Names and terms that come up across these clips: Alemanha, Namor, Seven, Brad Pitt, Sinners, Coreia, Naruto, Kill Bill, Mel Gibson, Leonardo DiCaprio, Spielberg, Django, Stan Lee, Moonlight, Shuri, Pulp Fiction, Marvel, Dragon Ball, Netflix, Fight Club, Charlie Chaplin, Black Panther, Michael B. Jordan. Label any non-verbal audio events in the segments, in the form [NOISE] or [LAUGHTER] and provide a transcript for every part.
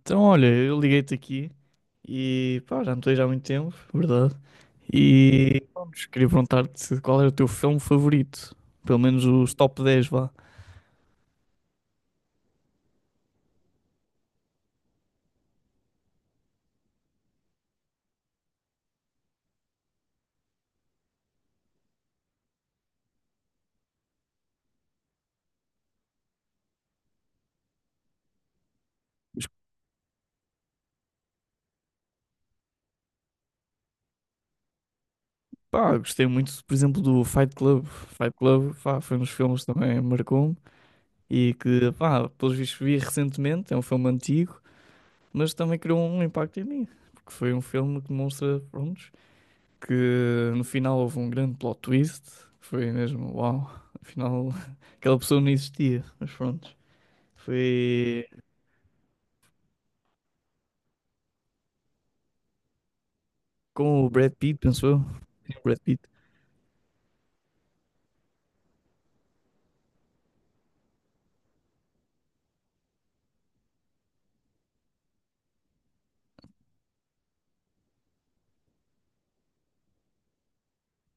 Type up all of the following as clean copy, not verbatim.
Então, olha, eu liguei-te aqui e pá, já não te vejo há muito tempo, verdade? E pronto, queria perguntar-te qual era o teu filme favorito, pelo menos os top 10, vá. Mas, pá, gostei muito, por exemplo, do Fight Club. Fight Club, pá, foi um dos filmes que também marcou-me e que, pá, pelos vistos vi recentemente, é um filme antigo, mas também criou um impacto em mim, porque foi um filme que demonstra, pronto, que no final houve um grande plot twist. Foi mesmo, uau, afinal [LAUGHS] aquela pessoa não existia, mas pronto. Foi com o Brad Pitt, pensou eu? Sim, o Brad Pitt.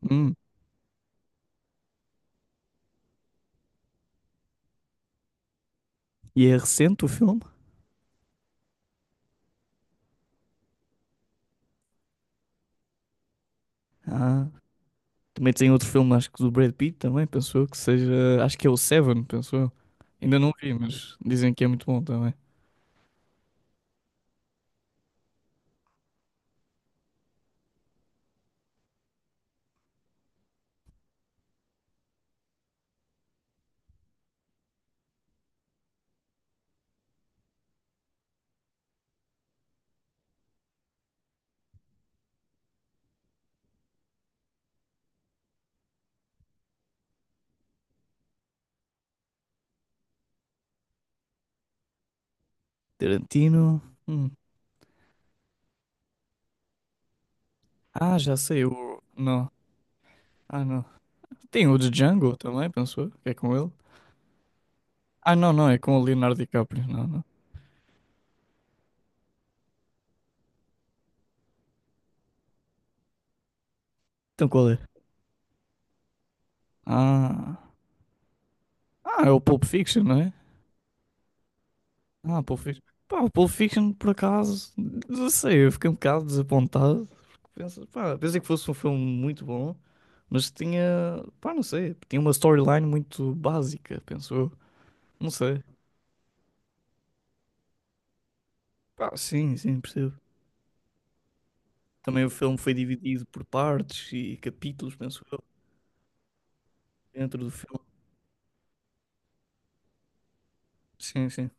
Hum, E é recente o filme? Ah, também tem outro filme, acho que do Brad Pitt também, pensou eu, que seja, acho que é o Seven, pensou eu. Ainda não vi, mas dizem que é muito bom também. Tarantino. Hum. Ah, já sei, o. Não. Ah, não. Tem o de Django também, pensou eu, que é com ele. Ah, não, não, é com o Leonardo DiCaprio, não, não. Então qual é? Ah, ah, é o Pulp Fiction, não é? Ah, Pulp Fiction. Pá, o Pulp Fiction, por acaso, não sei, eu fiquei um bocado desapontado. Pá, pensei que fosse um filme muito bom, mas tinha, pá, não sei, tinha uma storyline muito básica, penso eu. Não sei. Pá, sim, sim, percebo. Também o filme foi dividido por partes e capítulos, penso eu, dentro do filme. Sim, sim.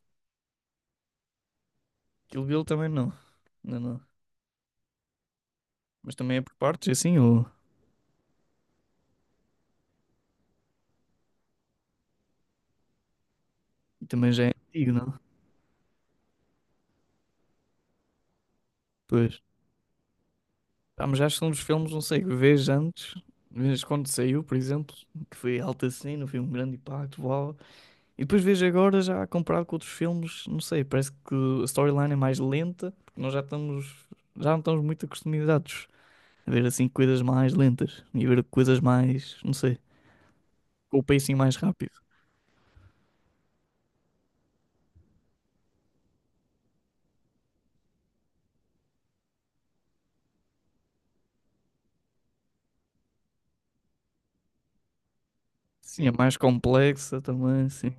Kill Bill também não. Não, não. Mas também é por partes, é assim, e também já é antigo, não? Pois. Pá, mas acho que são dos filmes, não sei, que vês antes, vês quando saiu, por exemplo, que foi alta cena, foi um grande impacto, uau. E depois vês agora, já comparado com outros filmes, não sei, parece que a storyline é mais lenta, porque nós já estamos, já não estamos muito acostumados a ver assim coisas mais lentas e ver coisas mais, não sei, com o pacing mais rápido. Sim, é mais complexa também, sim.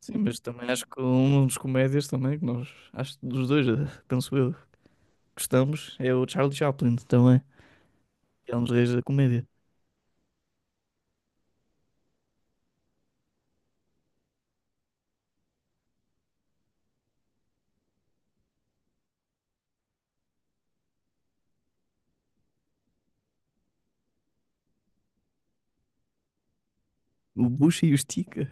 Sim, mas também acho que um dos comédias também, que nós, acho que dos dois, penso eu, gostamos, é o Charlie Chaplin também. É um dos reis da comédia. O Bucha e o estica.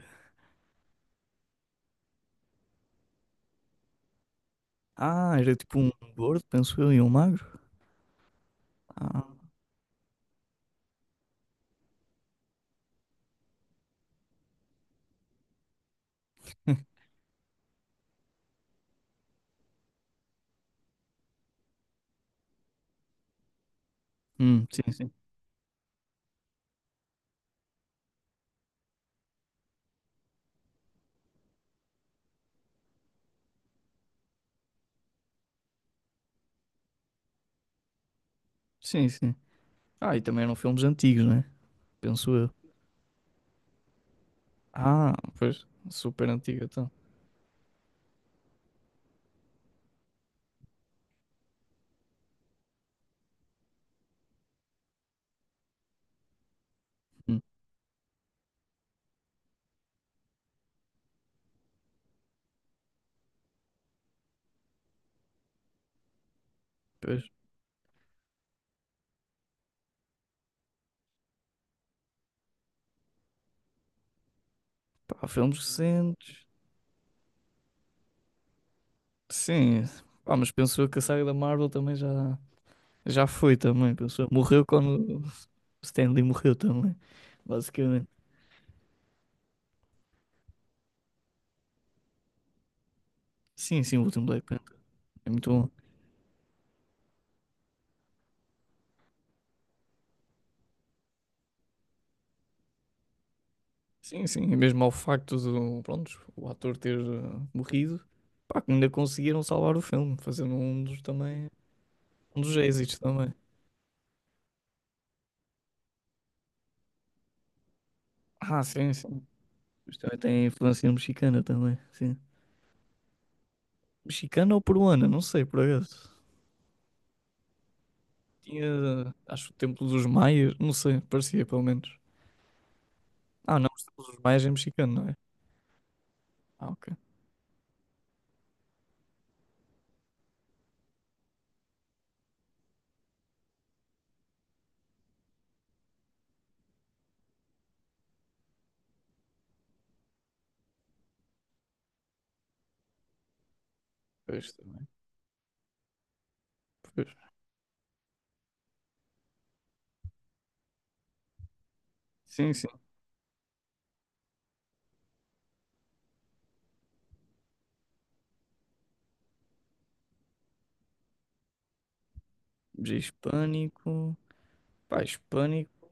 Ah, era tipo um gordo, penso eu, e um magro. Ah, [LAUGHS] sim, sim. Sim, sim. Ah, e também eram filmes antigos, né? Penso eu. Ah, pois. Super antigo, então. Hum, pois. Pá, filmes recentes. Sim. Pá, mas penso eu que a saga da Marvel também já foi também. Penso eu. Morreu quando o Stan Lee morreu também. Basicamente. Sim, sim, o último Black Panther. É muito bom. Sim, sim, e mesmo ao facto do, pronto, o ator ter morrido, pá, que ainda conseguiram salvar o filme, fazendo um dos também, um dos êxitos também. Ah, sim, sim. Isto também tem influência mexicana também, sim. Mexicana ou peruana, não sei, por acaso. Tinha, acho, o Templo dos Maias, não sei, parecia pelo menos. Ah, não, o Templo dos Maias é mexicano, não é? Ah, ok. Pois também. Pois. Sim, sim. De hispânico, pá, hispânico,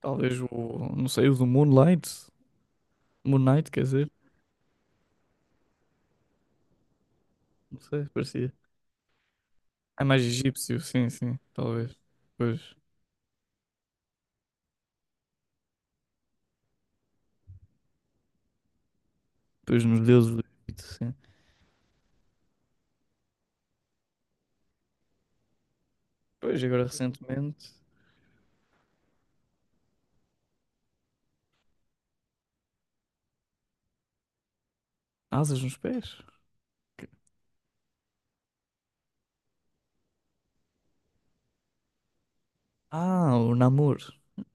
talvez o, não sei, o do Moonlight, Moonlight quer dizer. Não sei, parecia. É mais egípcio, sim, sim, talvez. Pois, pois nos deuses do Egito, sim. Pois, agora recentemente, asas nos pés. Ah, o Namor.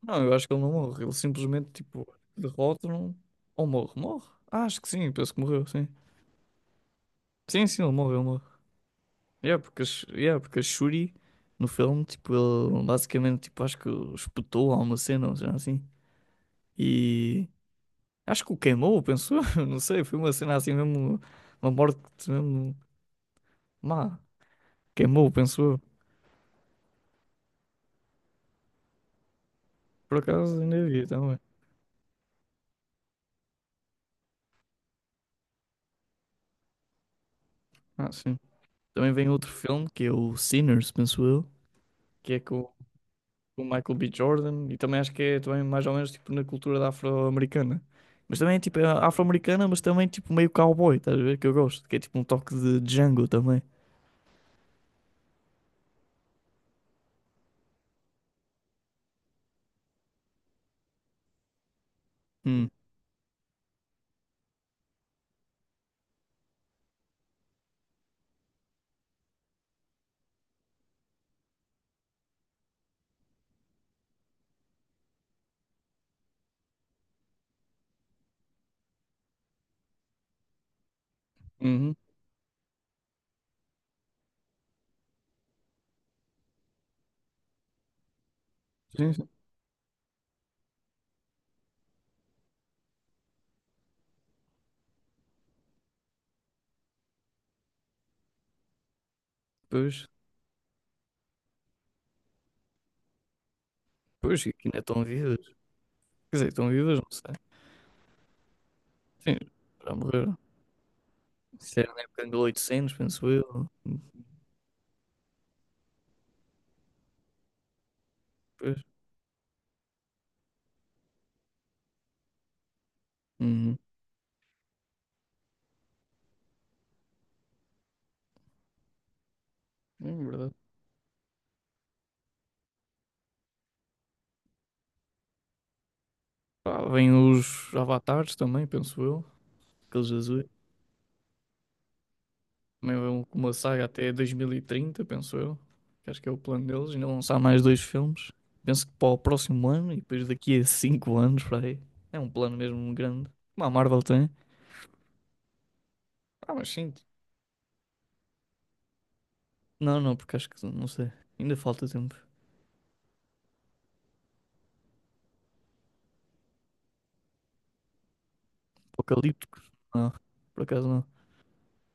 Não, eu acho que ele não morre. Ele simplesmente, tipo, derrota-no ou morre. Morre? Ah, acho que sim, penso que morreu, sim. Sim, sim, ele morre, ele morre. Yeah, porque, a Shuri, no filme, tipo, ele basicamente, tipo, acho que espetou a uma cena, ou seja, assim. E acho que o queimou, pensou? [LAUGHS] Não sei, foi uma cena assim mesmo, uma morte mesmo má. Queimou, pensou? Por acaso ainda vi também. Ah, sim. Também vem outro filme que é o Sinners, penso eu, que é com o Michael B. Jordan e também acho que é também mais ou menos tipo na cultura da afro-americana. Mas também é tipo é afro-americana, mas também tipo meio cowboy, estás a ver? Que eu gosto, que é tipo um toque de Django também. Hum. Uhum. Sim, sim. Pois, pois, que ainda estão vivas. Quer dizer, estão vivas, não sei. Sim, já morreram. Isso era na época de 1800, penso eu. Pois. Uhum. É verdade. Pá, vêm os avatares também, penso eu. Aqueles azuis. Também vão com uma saga até 2030, penso eu. Que acho que é o plano deles. Ainda vão lançar mais dois filmes. Penso que para o próximo ano e depois daqui a 5 anos, para aí. É um plano mesmo grande. Como a Marvel tem. Ah, mas sim. Não, não, porque acho que não sei. Ainda falta tempo. Apocalípticos? Não, por acaso não.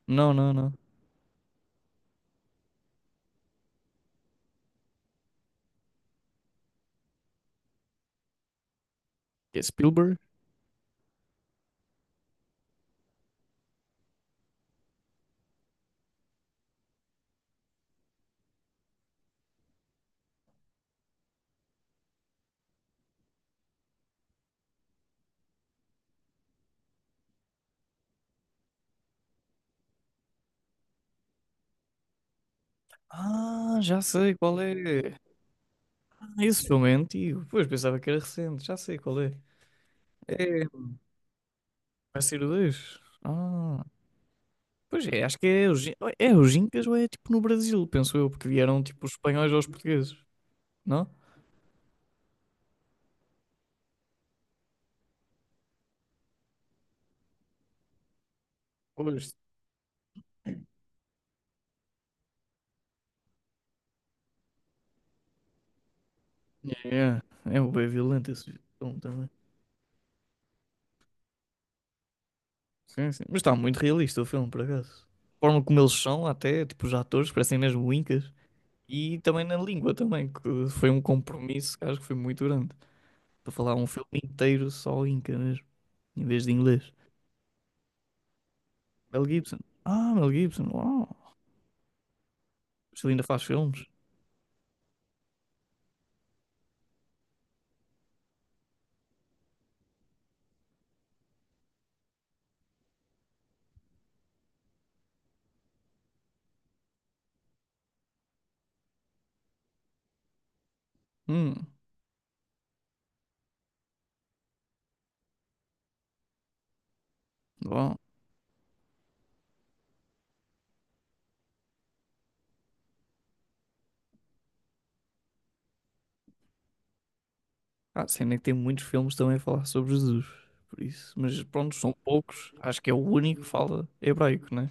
Não, não, não. Que é Spielberg? Ah, já sei qual é. Ah, esse filme é antigo. Pois, pensava que era recente. Já sei qual é. É. Vai ser o 2. Ah. Pois é, acho que é o, é o Gincas ou é tipo no Brasil, penso eu, porque vieram tipo os espanhóis aos portugueses, não? Pois. Yeah. É um bem violento esse filme também. Sim, sim. Mas está muito realista o filme, por acaso. A forma como eles são, até, tipo, os atores, parecem mesmo incas. E também na língua também, que foi um compromisso que acho que foi muito grande. Para falar um filme inteiro só inca mesmo, em vez de inglês. Mel Gibson. Ah, Mel Gibson. Uau. Mas ele ainda faz filmes. Hum, bom. Ah, a cena é que tem muitos filmes também a falar sobre Jesus. Por isso. Mas pronto, são poucos. Acho que é o único que fala hebraico, né?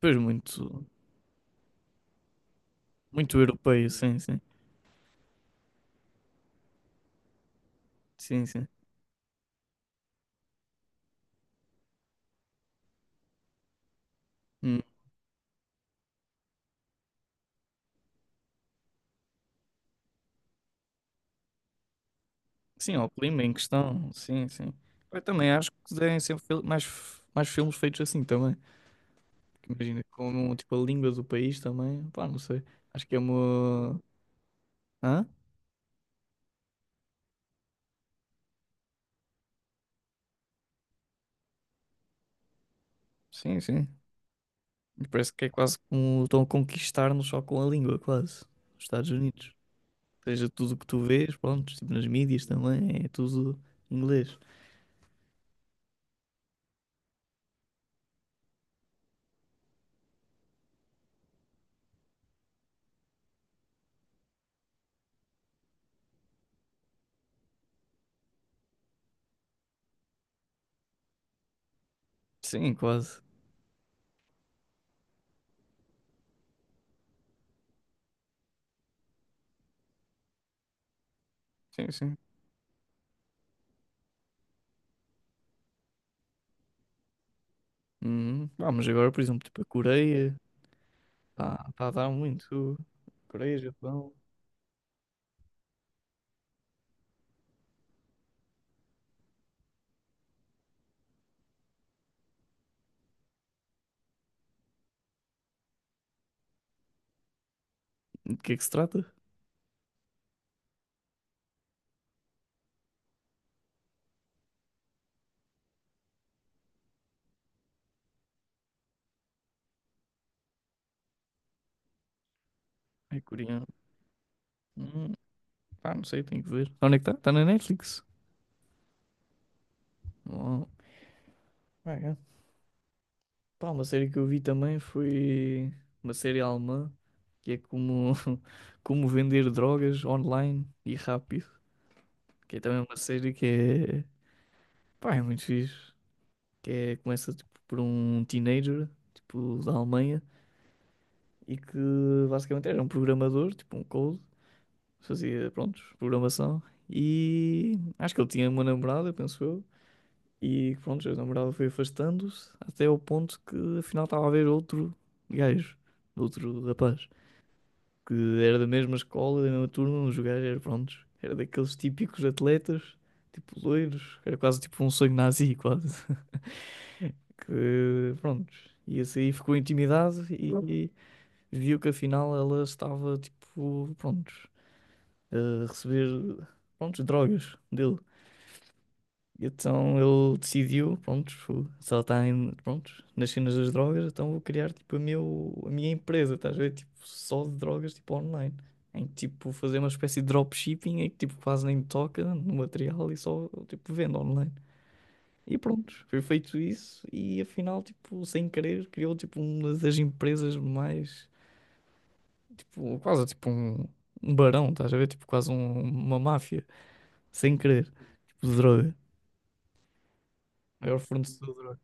Pois muito, muito europeu, sim, sim. Sim, sim. Hum. Sim, ó, o clima em questão. Sim, sim. Eu também acho que devem ser mais, mais filmes feitos assim também. Porque imagina, como tipo a língua do país também. Pá, não sei. Acho que é uma. Hã? Sim, sim. Parece que é quase como estão a conquistar-nos só com a língua, quase. Os Estados Unidos. Ou seja, tudo o que tu vês, pronto, tipo nas mídias também, é tudo inglês. Sim, quase. Sim, sim. Uhum. Ah, mas agora, por exemplo, tipo a Coreia, pá, tá a dar muito. Coreia, Japão. De que é que se trata? É coreano. Hum, pá, não sei, tenho que ver. Onde é que está? Está na Netflix. Oh, pá, uma série que eu vi também foi uma série alemã que é como, [LAUGHS] como vender drogas online e rápido. Que é também uma série que é, pá, é muito fixe. Que é, começa tipo, por um teenager tipo, da Alemanha e que basicamente era um programador, tipo um code, fazia, pronto, programação. E acho que ele tinha uma namorada, penso eu. E pronto, a namorada foi afastando-se até ao ponto que afinal estava a haver outro gajo, outro rapaz. Que era da mesma escola, da mesma turma, um jogar eram prontos, era daqueles típicos atletas, tipo loiros, era quase tipo um sonho nazi, quase. [LAUGHS] Que prontos e esse aí ficou intimidado e viu que afinal ela estava tipo, prontos a receber, prontos drogas dele. E então ele decidiu, pronto, se ela está pronto, nas cenas das drogas, então vou criar tipo a, meu, a minha empresa, estás a ver? Tipo, só de drogas, tipo online. Em que, tipo, fazer uma espécie de dropshipping em que tipo quase nem me toca no material e só tipo vendo online. E pronto, foi feito isso e afinal, tipo, sem querer, criou tipo uma das empresas mais, tipo, quase tipo um barão, estás a ver? Tipo, quase uma máfia, sem querer, tipo de droga. Maior fornecedor de droga.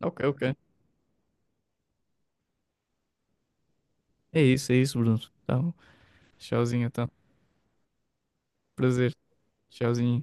Ok, ok. É isso, Bruno. Então, tchauzinho, então. Prazer. Tchauzinho.